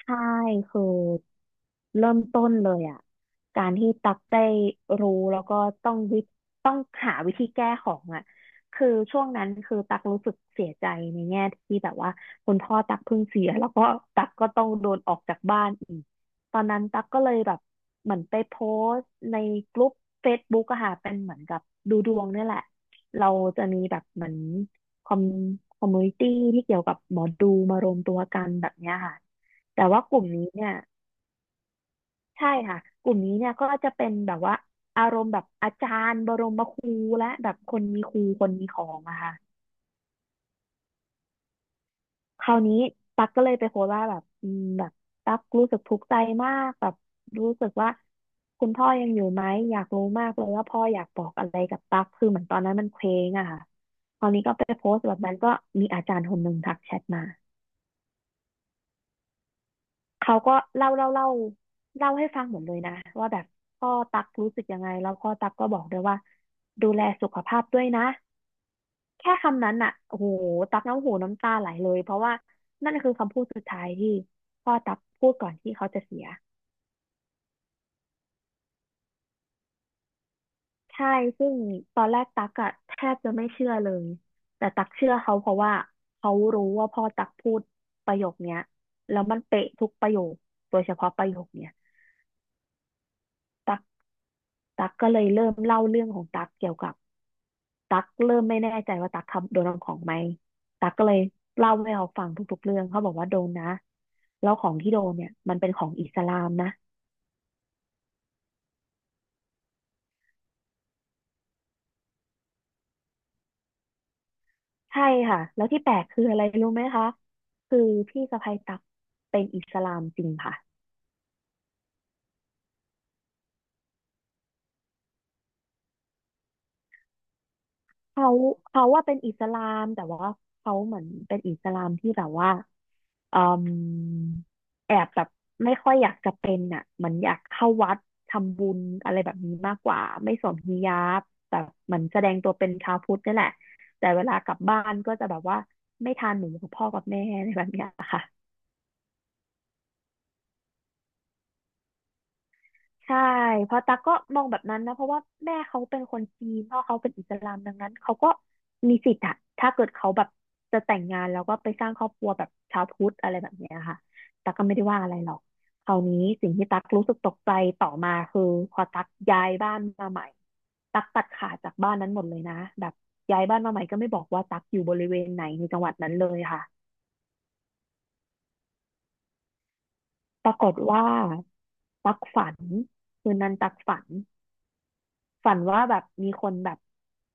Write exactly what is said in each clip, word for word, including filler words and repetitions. ใช่คือเริ่มต้นเลยอ่ะการที่ตักได้รู้แล้วก็ต้องวิต้องหาวิธีแก้ของอ่ะคือช่วงนั้นคือตักรู้สึกเสียใจในแง่ที่แบบว่าคุณพ่อตักเพิ่งเสียแล้วก็ตักก็ต้องโดนออกจากบ้านอีกตอนนั้นตักก็เลยแบบเหมือนไปโพสต์ในกลุ่มเฟซบ b ๊กอะค่ะเป็นเหมือนกับดูดวงเนี่ยแหละ เราจะมีแบบเหมือนคอมคอมมูนิตี้ที่เกี่ยวกับหมอดูมารวมตัวกันแบบเนี้ยค่ะแต่ว่ากลุ่มนี้เนี่ยใช่ค่ะกลุ่มนี้เนี่ยก็จะเป็นแบบว่าอารมณ์แบบอาจารย์บรมครูและแบบคนมีครูคนมีของอะค่ะ คราวนี้ตั๊กก็เลยไปโพสต์ว่าแบบอืมแบบตั๊กรู้สึกทุกข์ใจมากแบบรู้สึกว่าคุณพ่อยังอยู่ไหมอยากรู้มากเลยว่าพ่ออยากบอกอะไรกับตั๊กคือเหมือนตอนนั้นมันเคว้งอะค่ะคราวนี้ก็ไปโพสต์แบบนั้นก็มีอาจารย์คนหนึ่งทักแชทมาเขาก็เล่าเล่าเล่าเล่าให้ฟังหมดเลยนะว่าแบบพ่อตั๊กรู้สึกยังไงแล้วพ่อตั๊กก็บอกด้วยว่าดูแลสุขภาพด้วยนะ แค่คำนั้นอ่ะโอ้โหตักน้ำหูน้ำตาไหลเลยเพราะว่านั่นคือคำพูดสุดท้ายที่พ่อตักพูดก่อนที่เขาจะเสียใช่ซึ่งตอนแรกตักอะแทบจะไม่เชื่อเลยแต่ตักเชื่อเขาเพราะว่าเขารู้ว่าพ่อตักพูดประโยคเนี้ยแล้วมันเป๊ะทุกประโยคโดยเฉพาะประโยคเนี้ยตัก ตั๊กก็เลยเริ่มเล่าเรื่องของตั๊กเกี่ยวกับตั๊กเริ่มไม่แน่ใจว่าตั๊กทำโดนเอาของไหมตั๊กก็เลยเล่าให้เขาฟังทุกๆเรื่องเขาบอกว่าโดนนะแล้วของที่โดนเนี่ยมันเป็นของอิสลามนะใช่ค่ะแล้วที่แปลกคืออะไรรู้ไหมคะคือพี่สะใภ้ตั๊กเป็นอิสลามจริงค่ะ เขาเขาว่าเป็นอิสลามแต่ว่าเขาเหมือนเป็นอิสลามที่แบบว่าอืมแอบแบบไม่ค่อยอยากจะเป็นอ่ะเหมือนอยากเข้าวัดทำบุญอะไรแบบนี้มากกว่าไม่สวมฮิญาบแบบเหมือนแสดงตัวเป็นชาวพุทธนี่แหละแต่เวลากลับบ้านก็จะแบบว่าไม่ทานหมูกับพ่อกับแม่อะไรแบบเนี้ยค่ะ ใช่เพราะตั๊กก็มองแบบนั้นนะเพราะว่าแม่เขาเป็นคนจีนพ่อเขาเป็นอิสลามดังนั้นเขาก็มีสิทธิ์อะถ้าเกิดเขาแบบจะแต่งงานแล้วก็ไปสร้างครอบครัวแบบชาวพุทธอะไรแบบเนี้ยค่ะตั๊กก็ไม่ได้ว่าอะไรหรอกคราวนี้สิ่งที่ตั๊กรู้สึกตกใจต่อมาคือพอตั๊กย้ายบ้านมาใหม่ตั๊กตัดขาดจากบ้านนั้นหมดเลยนะแบบย้ายบ้านมาใหม่ก็ไม่บอกว่าตั๊กอยู่บริเวณไหนในจังหวัดนั้นเลยค่ะปรากฏว่าตักฝันคืนนั้นตักฝัน ฝันว่าแบบมีคนแบบ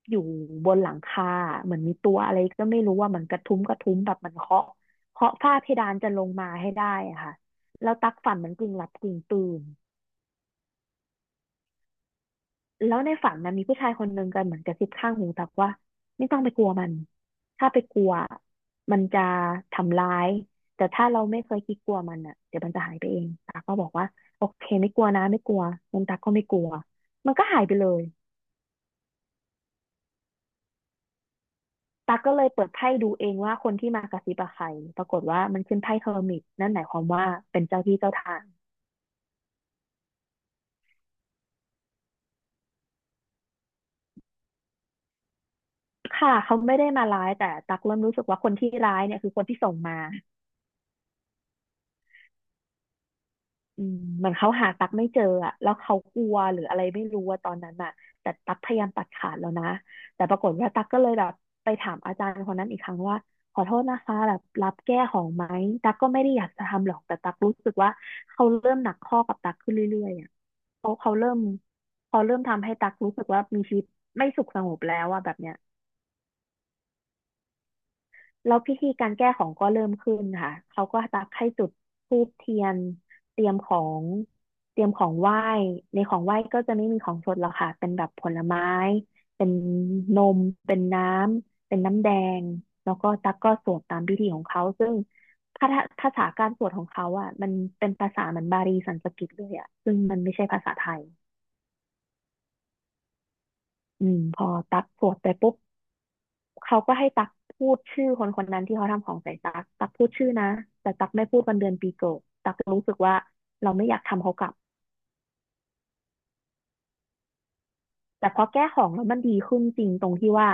อยู่บนหลังคาเหมือนมีตัวอะไรก็ไม่รู้ว่ามันกระทุ้มกระทุ้มแบบมันเคาะเคาะฝ้าเพดานจะลงมาให้ได้อะค่ะแล้วตักฝันเหมันกึ่งหลับกึ่งตื่นแล้วในฝันนะมีผู้ชายคนหนึ่งกันเหมือนกระซิบข้างหูตักว่าไม่ต้องไปกลัวมันถ้าไปกลัวมันจะทำร้ายแต่ถ้าเราไม่เคยคิดกลัวมันอ่ะเดี๋ยวมันจะหายไปเองตาก็บอกว่าโอเคไม่กลัวนะไม่กลัวงั้นตาก็ไม่กลัวมันก็หายไปเลย ตั๊กก็เลยเปิดไพ่ดูเองว่าคนที่มากระซิบอะใครปรากฏว่ามันขึ้นไพ่เฮอร์มิตนั่นหมายความว่าเป็นเจ้าที่เจ้าทางค่ะเขาไม่ได้มาร้ายแต่ตั๊กเริ่มรู้สึกว่าคนที่ร้ายเนี่ยคือคนที่ส่งมาอืมเหมือนเขาหาตั๊กไม่เจออะแล้วเขากลัวหรืออะไรไม่รู้ว่าตอนนั้นอะแต่ตั๊กพยายามตัดขาดแล้วนะแต่ปรากฏว่าตั๊กก็เลยแบบไปถามอาจารย์คนนั้นอีกครั้งว่าขอโทษนะคะแบบรับแก้ของไหมตั๊กก็ไม่ได้อยากจะทำหรอกแต่ตั๊กรู้สึกว่าเขาเริ่มหนักข้อกับตั๊กขึ้นเรื่อยๆอะ เขาเขาเริ่มเขาเริ่มทำให้ตักรู้สึกว่ามีชีวิตไม่สุขสงบแล้วอะแบบเนี้ยแล้วพิธีการแก้ของก็เริ่มขึ้นค่ะเขาก็ตักให้จุดธูปเทียนเตรียมของเตรียมของไหว้ในของไหว้ก็จะไม่มีของสดหรอกค่ะเป็นแบบผลไม้เป็นนมเป็นน้ำเป็นน้ำแดงแล้วก็ตักก็สวดตามพิธีของเขาซึ่งภาษาภาษาการสวดของเขาอะมันเป็นภาษาเหมือนบาลีสันสกฤตเลยอะซึ่งมันไม่ใช่ภาษาไทยอืมพอตักสวดไปปุ๊บ เขาก็ให้ตักพูดชื่อคนคนนั้นที่เขาทำของใส่ตักตักพูดชื่อนะแต่ตักไม่พูดวันเดือนปีเกิดตักรู้สึกว่าเราไม่อยากทำเขากลับแต่พอแก้ของแล้วมันดีขึ้นจริงตรงที่ว่า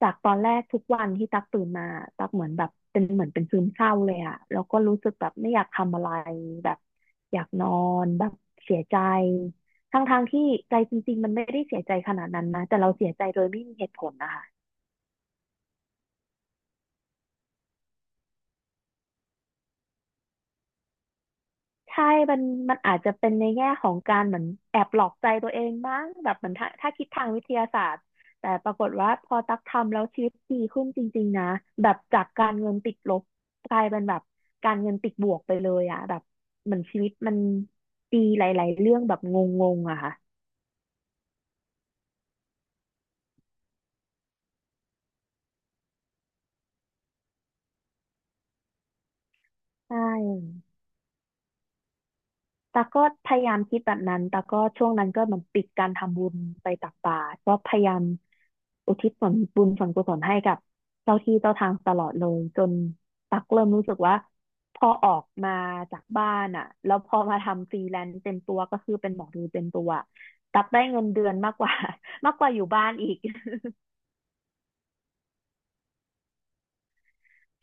จากตอนแรกทุกวันที่ตักตื่นมาตักเหมือนแบบเป็นเหมือนเป็นซึมเศร้าเลยอะแล้วก็รู้สึกแบบไม่อยากทำอะไรแบบอยากนอนแบบเสียใจทั้งๆที่ใจจริงๆมันไม่ได้เสียใจขนาดนั้นนะแต่เราเสียใจโดยไม่มีเหตุผลนะคะ ใช่มันมันอาจจะเป็นในแง่ของการเหมือนแอบหลอกใจตัวเองบ้างแบบเหมือนถ้าถ้าคิดทางวิทยาศาสตร์ แต่ปรากฏว่าพอตักทำแล้วชีวิตดีขึ้นจริงๆนะแบบจากการเงินติดลบกลายเป็นแบบการเงินติดบวกไปเลยอะแบบเหมือนชีวิตมันดีหลายๆเรื่องแบบงงๆอะค่ะใช่ ตาก็พยายามคิดแบบนั้นตาก็ช่วงนั้นก็เหมือนปิดการทำบุญไปตักบาตรก็พยายามอุทิศส่วนบุญส่วนกุศลให้กับเจ้าที่เจ้าทางตลอดเลยจนตักเริ่มรู้สึกว่าพอออกมาจากบ้านอ่ะแล้วพอมาทำฟรีแลนซ์เต็มตัวก็คือเป็นหมอดูเต็มตัว ตักได้เงินเดือนมากกว่า มากกว่าอยู่บ้านอีก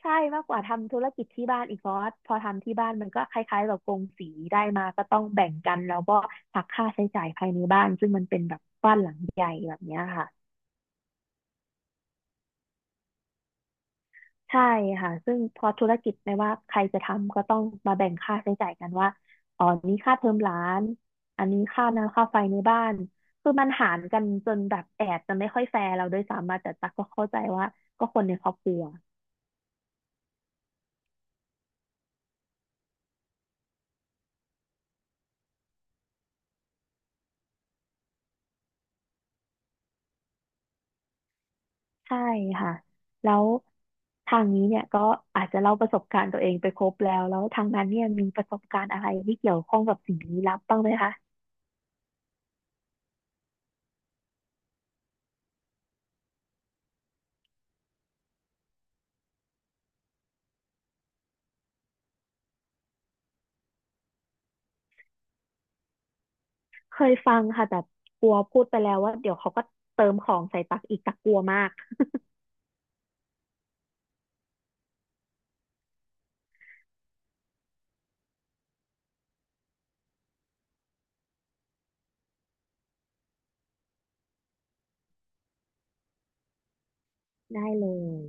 ใช่มากกว่าทำธุรกิจที่บ้านอีกเพราะว่าพอทำที่บ้านมันก็คล้ายๆแบบกงสีได้มาก็ต้องแบ่งกันแล้วก็หักค่าใช้จ่ายภายในบ้านซึ่งมันเป็นแบบบ้านหลังใหญ่แบบเนี้ยค่ะใช่ค่ะซึ่งพอธุรกิจไม่ว่าใครจะทำก็ต้องมาแบ่งค่าใช้จ่ายกันว่าอ๋อนี้ค่าเทอมหลานอันนี้ค่าน้ำค่าไฟในบ้านคือมันหารกันจนแบบแอบจะไม่ค่อยแฟร์เราด้วยซ้ำมาแต่ตักก็เข้าใจว่าก็คนในครอบครัว ใช่ค่ะแล้วทางนี้เนี่ยก็อาจจะเล่าประสบการณ์ตัวเองไปครบแล้วแล้วทางนั้นเนี่ยมีประสบการณ์อะไรที่เกี่ยวข้องกับสิ่งลี้ลับบ้างไหมคะเคยฟังค่ะแต่กลัวพูดไปแล้วว่าเดี๋ยวเขาก็เติมของใส่ตักอีกตักกลัวมากได้เลย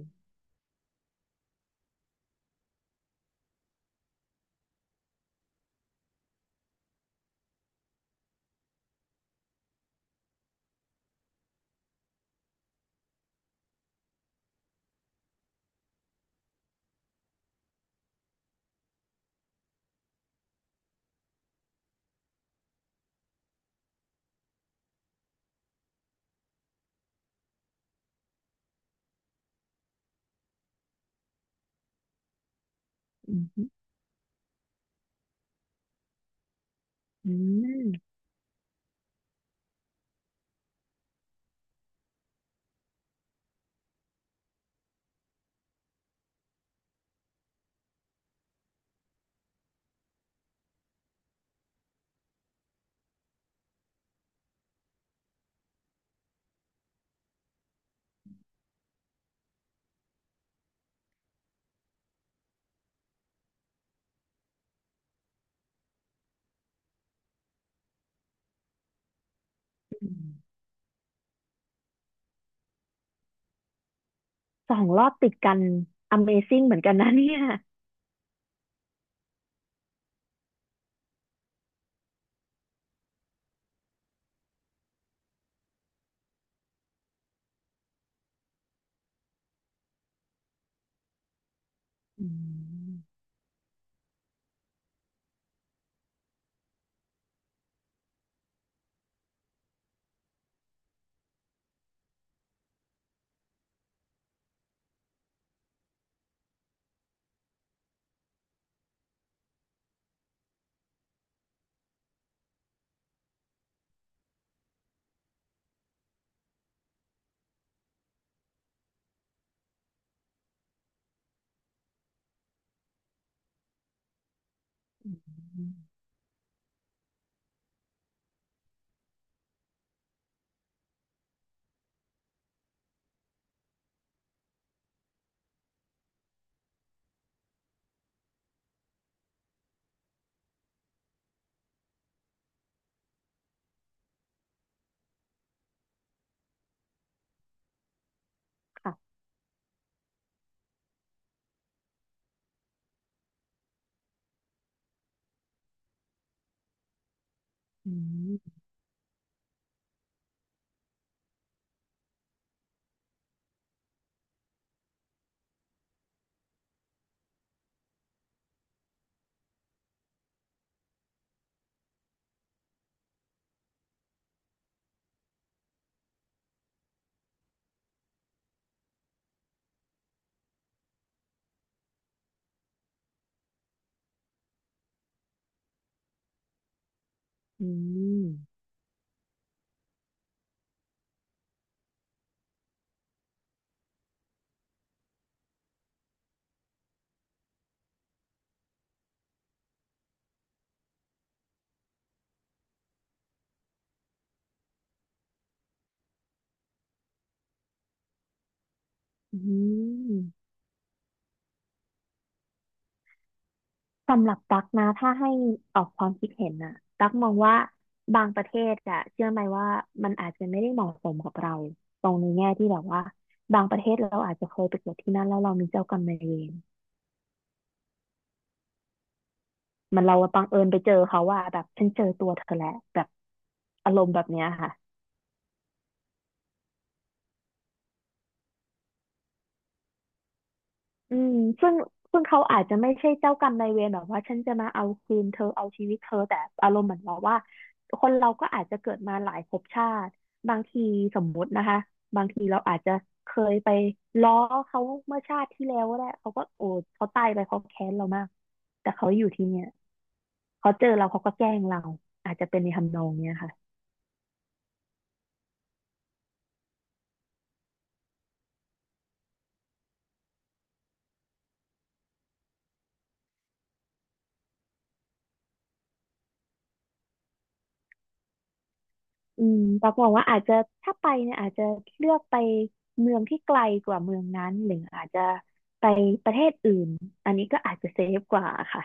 อืมอืมสองรอบติดกัน อะเมซิ่ง เหมือนกันนะเนี่ยอืมค่ะอืมอืมอืม สำหรับตั๊กนะถ้าให้ออกความคิดเห็นนะตั๊กมองว่าบางประเทศอะเชื่อไหมว่ามันอาจจะไม่ได้เหมาะสมกับเราตรงในแง่ที่แบบว่าบางประเทศเราอาจจะเคยไปเกิดที่นั่นแล้วเรามีเจ้ากรรมนายเวรมันเราบังเอิญไปเจอเขาว่าแบบฉันเจอตัวเธอแหละแบบอารมณ์แบบเนี้ยค่ะ อืมซึ่งซึ่งเขาอาจจะไม่ใช่เจ้ากรรมนายเวรแบบว่าฉันจะมาเอาคืนเธอเอาชีวิตเธอแต่อารมณ์เหมือนบอกว่าคนเราก็อาจจะเกิดมาหลายภพชาติบางทีสมมุตินะคะบางทีเราอาจจะเคยไปล้อเขาเมื่อชาติที่แล้วก็ได้เขาก็โอ้เขาตายไปเขาแค้นเรามากแต่เขาอยู่ที่เนี่ยเขาเจอเราเขาก็แกล้งเราอาจจะเป็นในทำนองเนี้ยค่ะ อืมตักมองว่าอาจจะถ้าไปเนี่ยอาจจะเลือกไปเมืองที่ไกลกว่าเมืองนั้นหรืออาจจะไปประเทศอื่นอันนี้ก็อาจจะเซฟกว่าค่ะ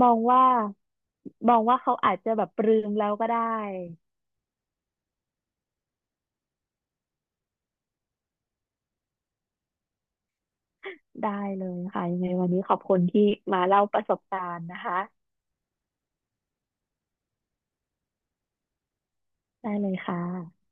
มองว่ามองว่าเขาอาจจะแบบปรืมแล้วก็ได้ได้เลยค่ะยังไงวันนี้ขอบคุณที่มาเล่าประสบการณ์นะคะได้เลยค่ะ